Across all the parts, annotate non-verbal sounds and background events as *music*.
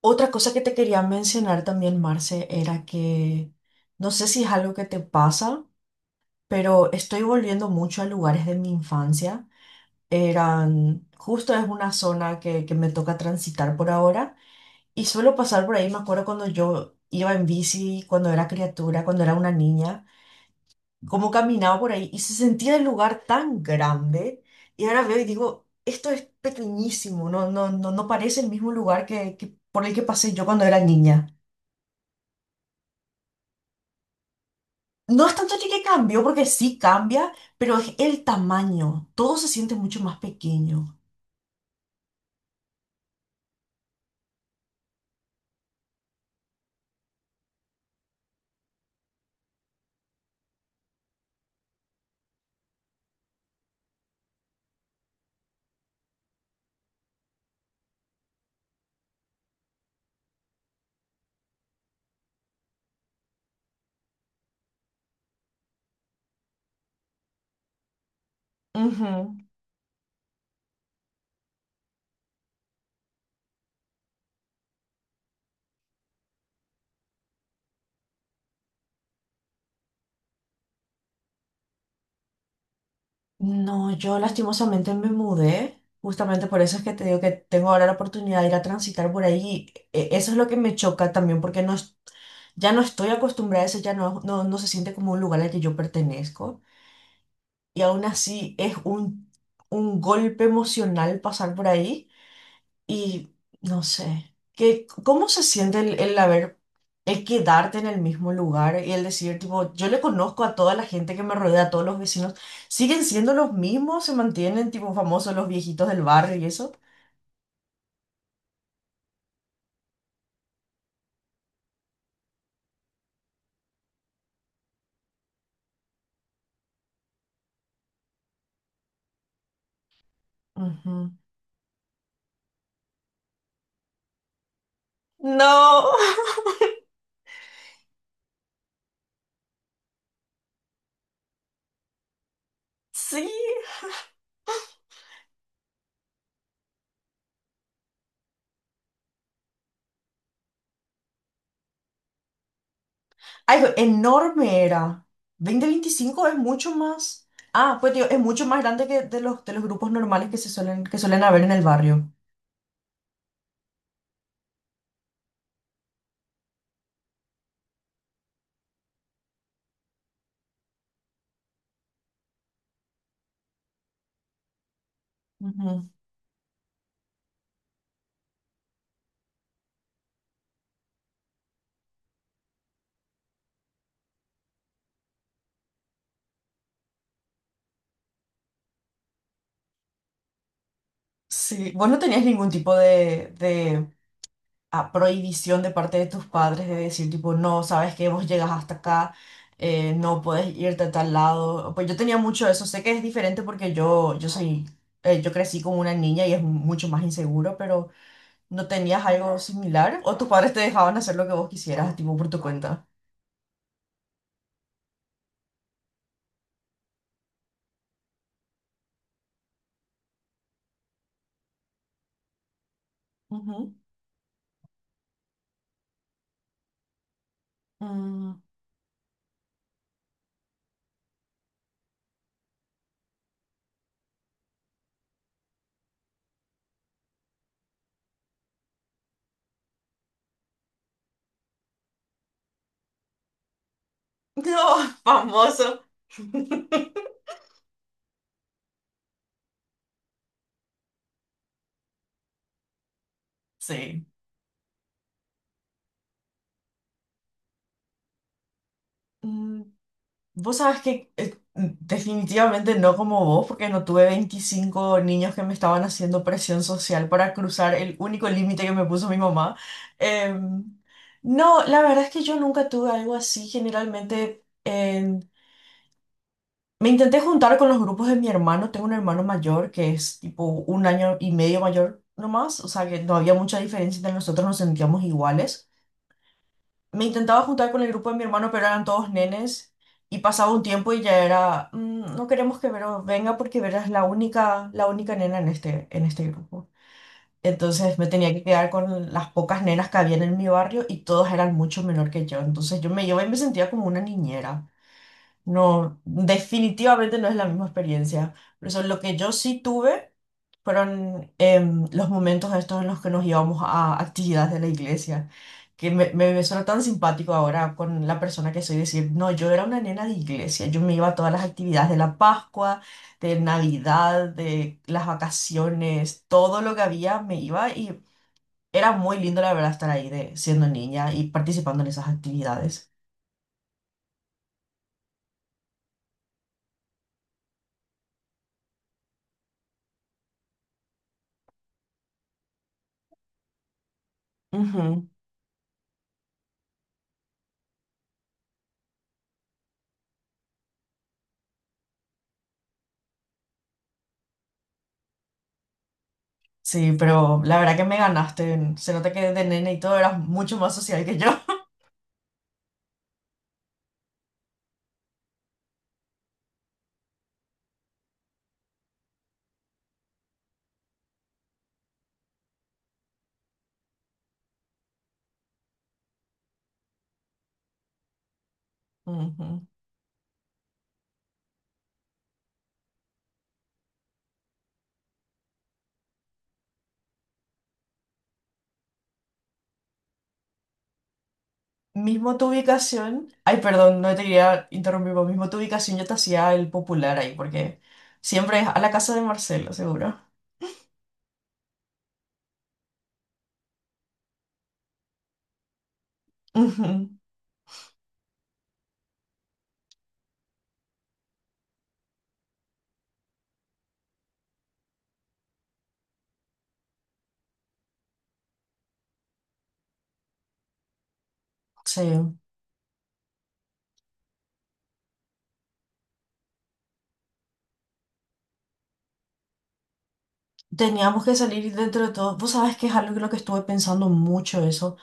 Otra cosa que te quería mencionar también, Marce, era que no sé si es algo que te pasa, pero estoy volviendo mucho a lugares de mi infancia. Eran, justo es una zona que me toca transitar por ahora y suelo pasar por ahí. Me acuerdo cuando yo iba en bici, cuando era criatura, cuando era una niña, cómo caminaba por ahí y se sentía el lugar tan grande. Y ahora veo y digo, esto es pequeñísimo, no, no, no, no parece el mismo lugar que por el que pasé yo cuando era niña. No es tanto de que cambió, porque sí cambia, pero es el tamaño. Todo se siente mucho más pequeño. Ujú. No, yo lastimosamente me mudé. Justamente por eso es que te digo que tengo ahora la oportunidad de ir a transitar por ahí. Eso es lo que me choca también, porque no, ya no estoy acostumbrada a eso, ya no se siente como un lugar al que yo pertenezco. Y aún así es un golpe emocional pasar por ahí. Y no sé, qué ¿cómo se siente el quedarte en el mismo lugar y el decir, tipo, yo le conozco a toda la gente que me rodea, a todos los vecinos, siguen siendo los mismos, se mantienen, tipo, famosos los viejitos del barrio y eso? Ujú. No, *laughs* sí. Algo enorme era. 2025 es mucho más. Ah, pues digo, es mucho más grande que de los grupos normales que suelen haber en el barrio. Ujú. Sí, vos no tenías ningún tipo de a prohibición de parte de tus padres de decir tipo, no, sabes que vos llegas hasta acá, no puedes irte a tal lado. Pues yo tenía mucho eso, sé que es diferente porque yo crecí como una niña y es mucho más inseguro, pero ¿no tenías algo similar? ¿O tus padres te dejaban hacer lo que vos quisieras, tipo por tu cuenta? Ujú. Mm. No, *laughs* famoso. Sí. Vos sabés que definitivamente no como vos, porque no tuve 25 niños que me estaban haciendo presión social para cruzar el único límite que me puso mi mamá. Em, no, la verdad es que yo nunca tuve algo así. Generalmente me intenté juntar con los grupos de mi hermano. Tengo un hermano mayor que es tipo un año y medio mayor nomás, o sea que no había mucha diferencia entre nosotros, nos sentíamos iguales. Me intentaba juntar con el grupo de mi hermano, pero eran todos nenes. Y pasaba un tiempo y ya era, "Mm, no queremos que Vero venga porque Vero es la única nena en este grupo." Entonces me tenía que quedar con las pocas nenas que habían en mi barrio y todas eran mucho menor que yo. Entonces yo me iba y me sentía como una niñera. No, definitivamente no es la misma experiencia. Por eso lo que yo sí tuve fueron los momentos estos en los que nos íbamos a actividades de la iglesia, que me suena tan simpático ahora con la persona que soy decir, no, yo era una nena de iglesia, yo me iba a todas las actividades de la Pascua, de Navidad, de las vacaciones, todo lo que había me iba y era muy lindo la verdad estar ahí siendo niña y participando en esas actividades. Sí, pero la verdad que me ganaste. Se nota que de nene y todo eras mucho más social que yo. *laughs* Ujú. Mismo tu ubicación. Ay, perdón, no te quería interrumpir, pero mismo tu ubicación yo te hacía el popular ahí, porque siempre es a la casa de Marcelo, seguro. Ujú. Sí. Teníamos que salir dentro de todo. Vos sabés que es algo en lo que estuve pensando mucho eso.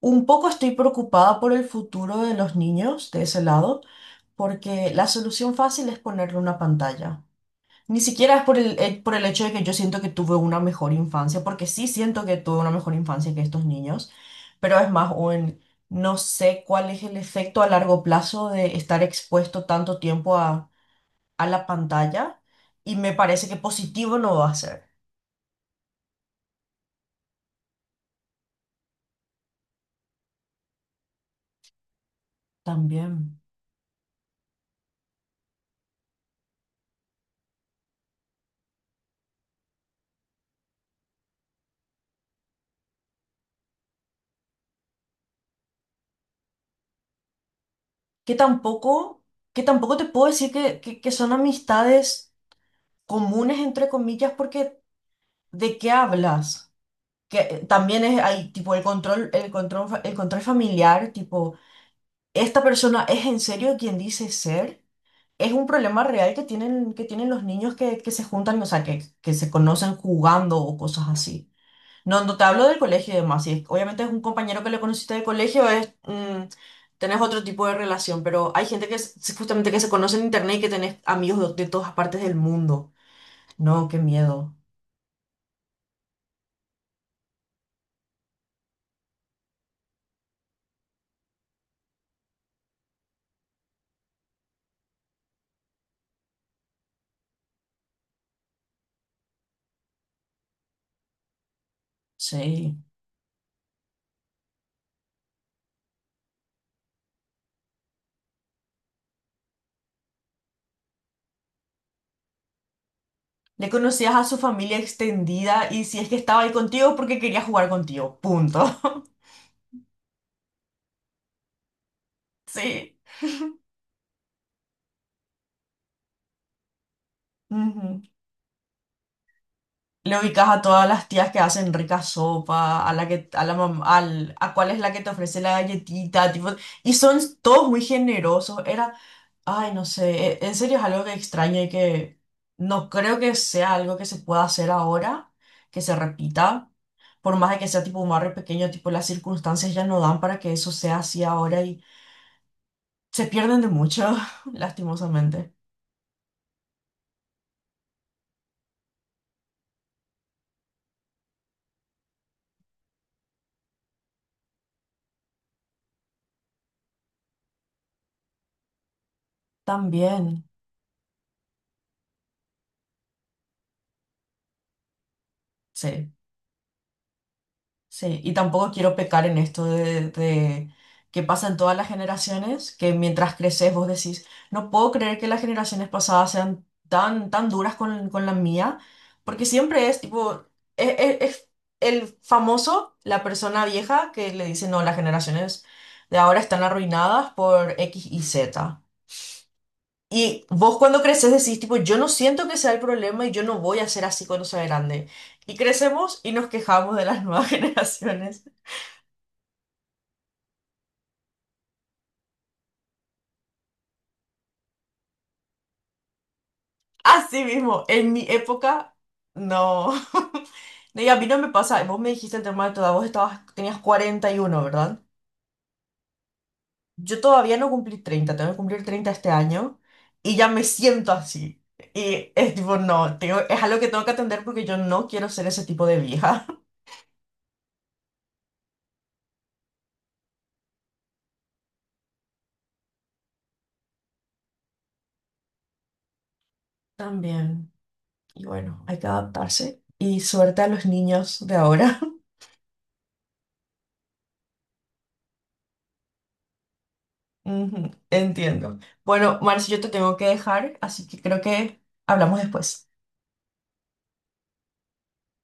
Un poco estoy preocupada por el futuro de los niños de ese lado, porque la solución fácil es ponerle una pantalla. Ni siquiera es por el hecho de que yo siento que tuve una mejor infancia, porque sí siento que tuve una mejor infancia que estos niños, pero es más, no sé cuál es el efecto a largo plazo de estar expuesto tanto tiempo a la pantalla y me parece que positivo no va a ser. También. Que tampoco, que tampoco te puedo decir que son amistades comunes, entre comillas, porque ¿de qué hablas? Que también es, hay tipo el control familiar, tipo... ¿Esta persona es en serio quien dice ser? Es un problema real que tienen los niños que se juntan, o sea, que se conocen jugando o cosas así. No, no te hablo del colegio y demás. Si es- Obviamente es un compañero que le conociste del colegio, tenés otro tipo de relación, pero hay gente que es justamente que se conoce en internet y que tenés amigos de todas partes del mundo. No, qué miedo. Sí. Le conocías a su familia extendida y si es que estaba ahí contigo porque quería jugar contigo. Punto. *laughs* Sí. Ujú. Le ubicas a todas las tías que hacen rica sopa, a cuál es la que te ofrece la galletita, tipo, y son todos muy generosos. Ay, no sé, en serio es algo que extraño y que no creo que sea algo que se pueda hacer ahora, que se repita, por más de que sea tipo un barrio pequeño, tipo las circunstancias ya no dan para que eso sea así ahora y se pierden de mucho, *laughs* lastimosamente. También, sí. Sí, y tampoco quiero pecar en esto de que pasa en todas las generaciones, que mientras creces vos decís, no puedo creer que las generaciones pasadas sean tan, tan duras con la mía, porque siempre es tipo, es el famoso, la persona vieja que le dice, no, las generaciones de ahora están arruinadas por X y Z. Y vos cuando creces decís, tipo, yo no siento que sea el problema y yo no voy a ser así cuando sea grande. Y crecemos y nos quejamos de las nuevas *laughs* generaciones. Así mismo, en mi época, no. *laughs* No, y a mí no me pasa, vos me dijiste el tema de toda, vos estabas, tenías 41, ¿verdad? Yo todavía no cumplí 30, tengo que cumplir 30 este año y ya me siento así. Y es tipo, no, es algo que tengo que atender porque yo no quiero ser ese tipo de vieja. *laughs* También. Y bueno, hay que adaptarse. Y suerte a los niños de ahora. *laughs* Ujú. Entiendo. Bueno, Marci, yo te tengo que dejar, así que creo que hablamos después.